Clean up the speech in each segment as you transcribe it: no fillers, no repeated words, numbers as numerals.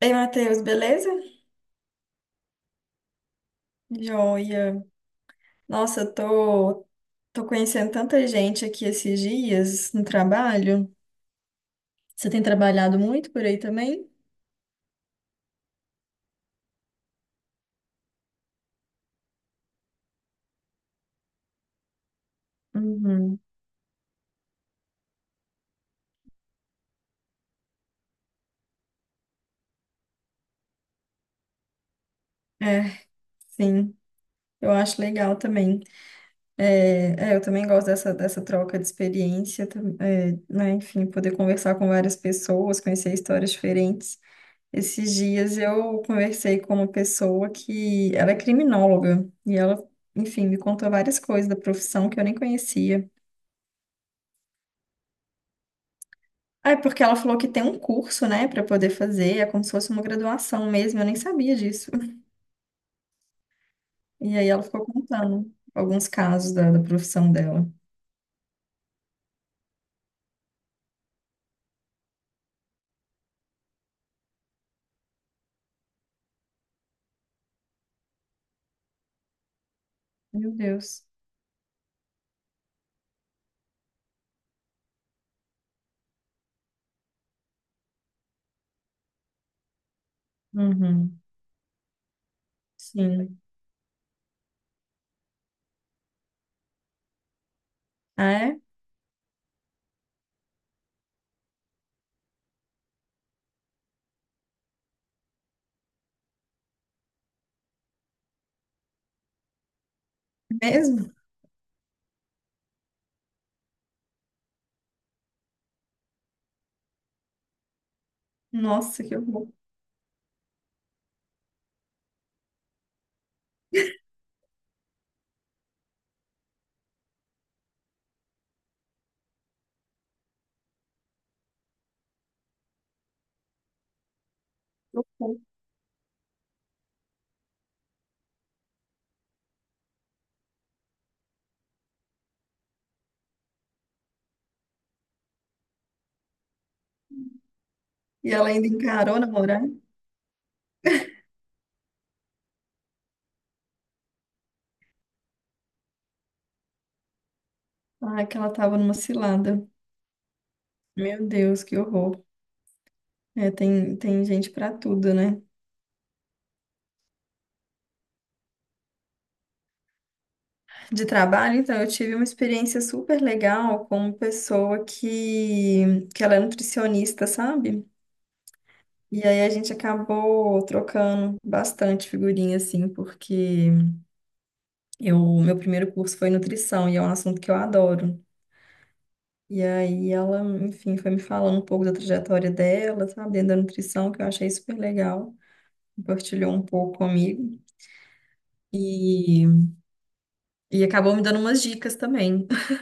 Ei, Matheus, beleza? Joia. Nossa, tô conhecendo tanta gente aqui esses dias no trabalho. Você tem trabalhado muito por aí também? Uhum. É, sim. Eu acho legal também. É, eu também gosto dessa troca de experiência, né? Enfim, poder conversar com várias pessoas, conhecer histórias diferentes. Esses dias eu conversei com uma pessoa que ela é criminóloga e ela, enfim, me contou várias coisas da profissão que eu nem conhecia. Ah, é porque ela falou que tem um curso, né, para poder fazer, é como se fosse uma graduação mesmo, eu nem sabia disso. E aí ela ficou contando alguns casos da profissão dela. Meu Deus. Uhum. Sim. Ah, é? Mesmo? Nossa, que horror. Que horror. E ela ainda encarou namorar? Ah, que ela tava numa cilada. Meu Deus, que horror. É, tem gente para tudo, né? De trabalho, então, eu tive uma experiência super legal com uma pessoa que ela é nutricionista, sabe? E aí a gente acabou trocando bastante figurinha, assim, porque eu, meu primeiro curso foi nutrição e é um assunto que eu adoro. E aí ela, enfim, foi me falando um pouco da trajetória dela, sabe, dentro da nutrição, que eu achei super legal. Compartilhou um pouco comigo e, e acabou me dando umas dicas também.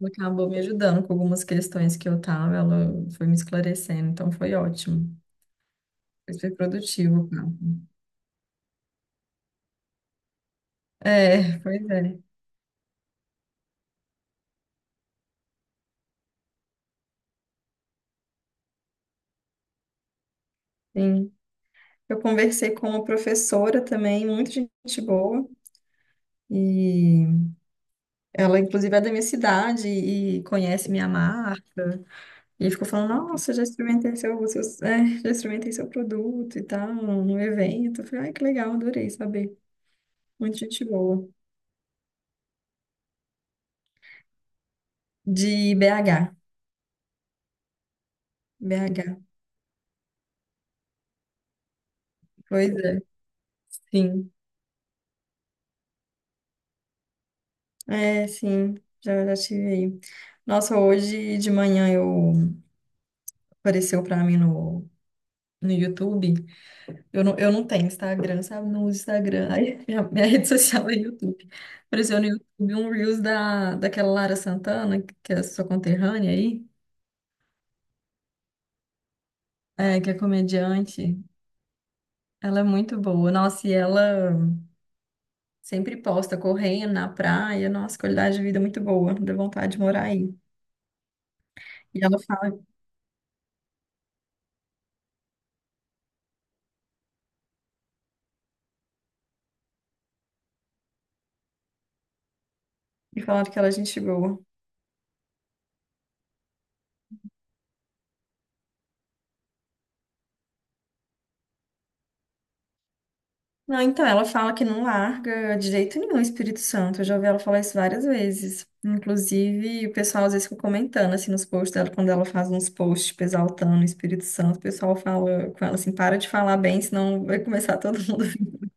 Ela acabou me ajudando com algumas questões que eu tava, ela foi me esclarecendo, então foi ótimo. Foi super produtivo, cara. É, pois é. Sim. Eu conversei com uma professora também, muito gente boa, e ela, inclusive, é da minha cidade e conhece minha marca. E ficou falando: Nossa, já experimentei seu produto e tal, no evento. Eu falei: Ai, que legal, adorei saber. Muito gente boa. De BH. BH. Pois é, sim. É, sim, já tive aí. Nossa, hoje de manhã eu apareceu para mim no YouTube. Eu não tenho Instagram, sabe? Não uso Instagram. Aí, minha rede social é YouTube. Apareceu no YouTube um Reels daquela Lara Santana, que é sua conterrânea aí, é, que é comediante. Ela é muito boa. Nossa, e ela sempre posta correndo na praia. Nossa, qualidade de vida é muito boa. Dá vontade de morar aí. E ela fala, e falaram que ela é gente boa. Não, então, ela fala que não larga de jeito nenhum o Espírito Santo. Eu já ouvi ela falar isso várias vezes. Inclusive, o pessoal às vezes fica comentando, assim, nos posts dela, quando ela faz uns posts, tipo, exaltando o Espírito Santo, o pessoal fala com ela assim, para de falar bem, senão vai começar todo mundo a vir.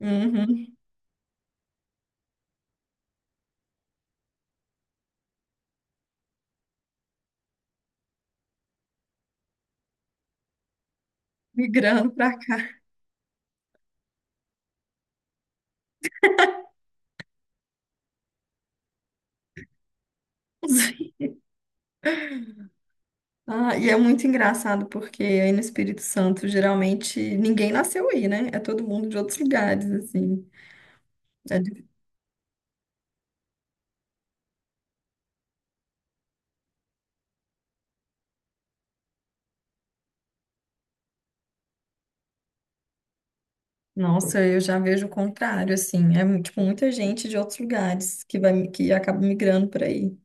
Uhum, migrando pra cá. Ah, e é muito engraçado, porque aí no Espírito Santo, geralmente, ninguém nasceu aí, né? É todo mundo de outros lugares, assim. É. Nossa, eu já vejo o contrário, assim. Tipo, muita gente de outros lugares que vai, que acaba migrando por aí.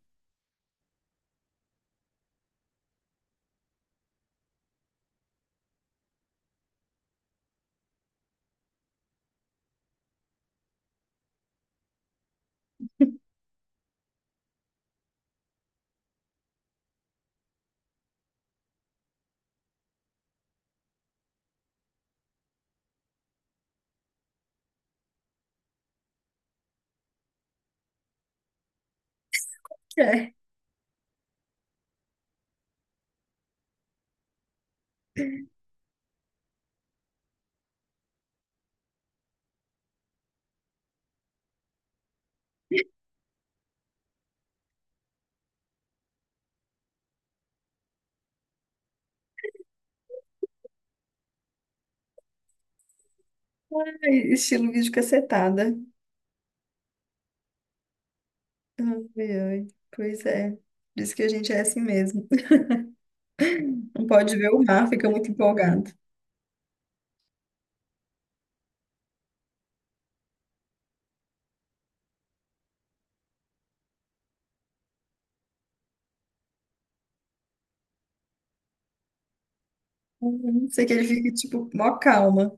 É. Ai, estilo vídeo cacetada. Ai, ai. Pois é. Diz que a gente é assim mesmo. Não pode ver o mar, fica muito empolgado. Não sei que ele fica, tipo, mó calma.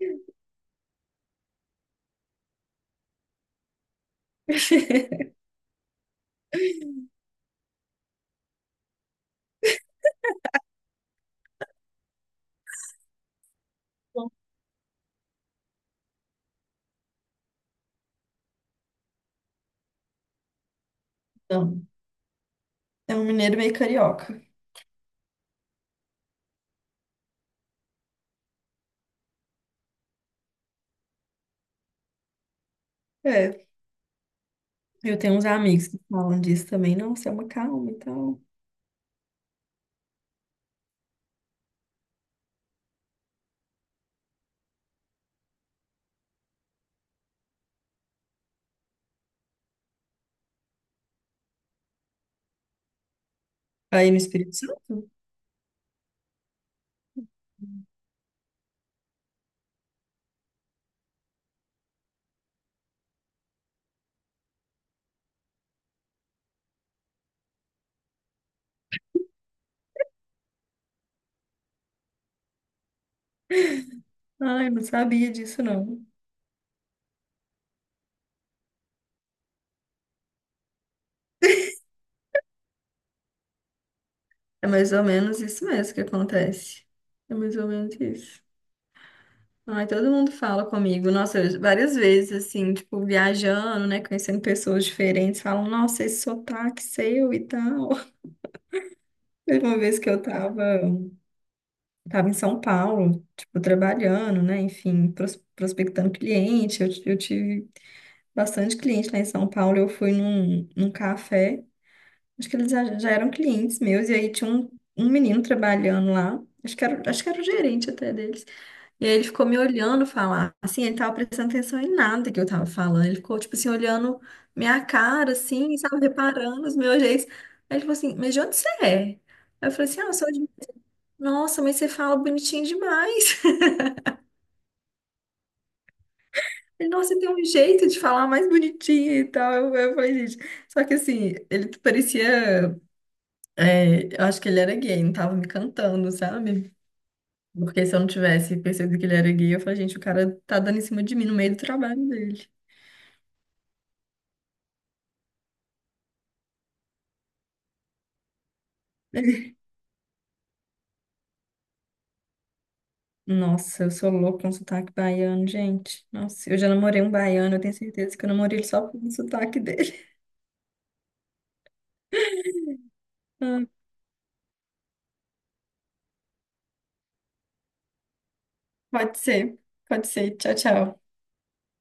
Não. É um mineiro meio carioca. É. Eu tenho uns amigos que falam disso também. Nossa, é uma calma e tal. Aí no Espírito Santo? Ai, eu não sabia disso, não. É mais ou menos isso mesmo que acontece. É mais ou menos isso. Ai, todo mundo fala comigo, várias vezes, assim, tipo, viajando, né, conhecendo pessoas diferentes, falam, nossa, esse sotaque seu e tal. Teve uma vez que tava em São Paulo, tipo, trabalhando, né, enfim, prospectando cliente, eu tive bastante cliente lá em São Paulo, eu fui num café, acho que eles já eram clientes meus, e aí tinha um, um menino trabalhando lá, acho que era o gerente até deles. E aí ele ficou me olhando falar. Assim, ele tava prestando atenção em nada que eu tava falando. Ele ficou, tipo assim, olhando minha cara, assim, sabe, reparando os meus jeitos. Aí ele falou assim, mas de onde você é? Aí eu falei assim, ah, eu sou de... Nossa, mas você fala bonitinho demais. Ele, nossa, você tem um jeito de falar mais bonitinho e tal. Eu falei, gente, só que assim, ele parecia, é, eu acho que ele era gay, não tava me cantando, sabe? Porque se eu não tivesse percebido que ele era gay, eu falei, gente, o cara tá dando em cima de mim no meio do trabalho dele. Nossa, eu sou louca com sotaque baiano, gente. Nossa, eu já namorei um baiano, eu tenho certeza que eu namorei ele só pelo sotaque dele. Ah, pode ser, pode ser. Tchau, tchau.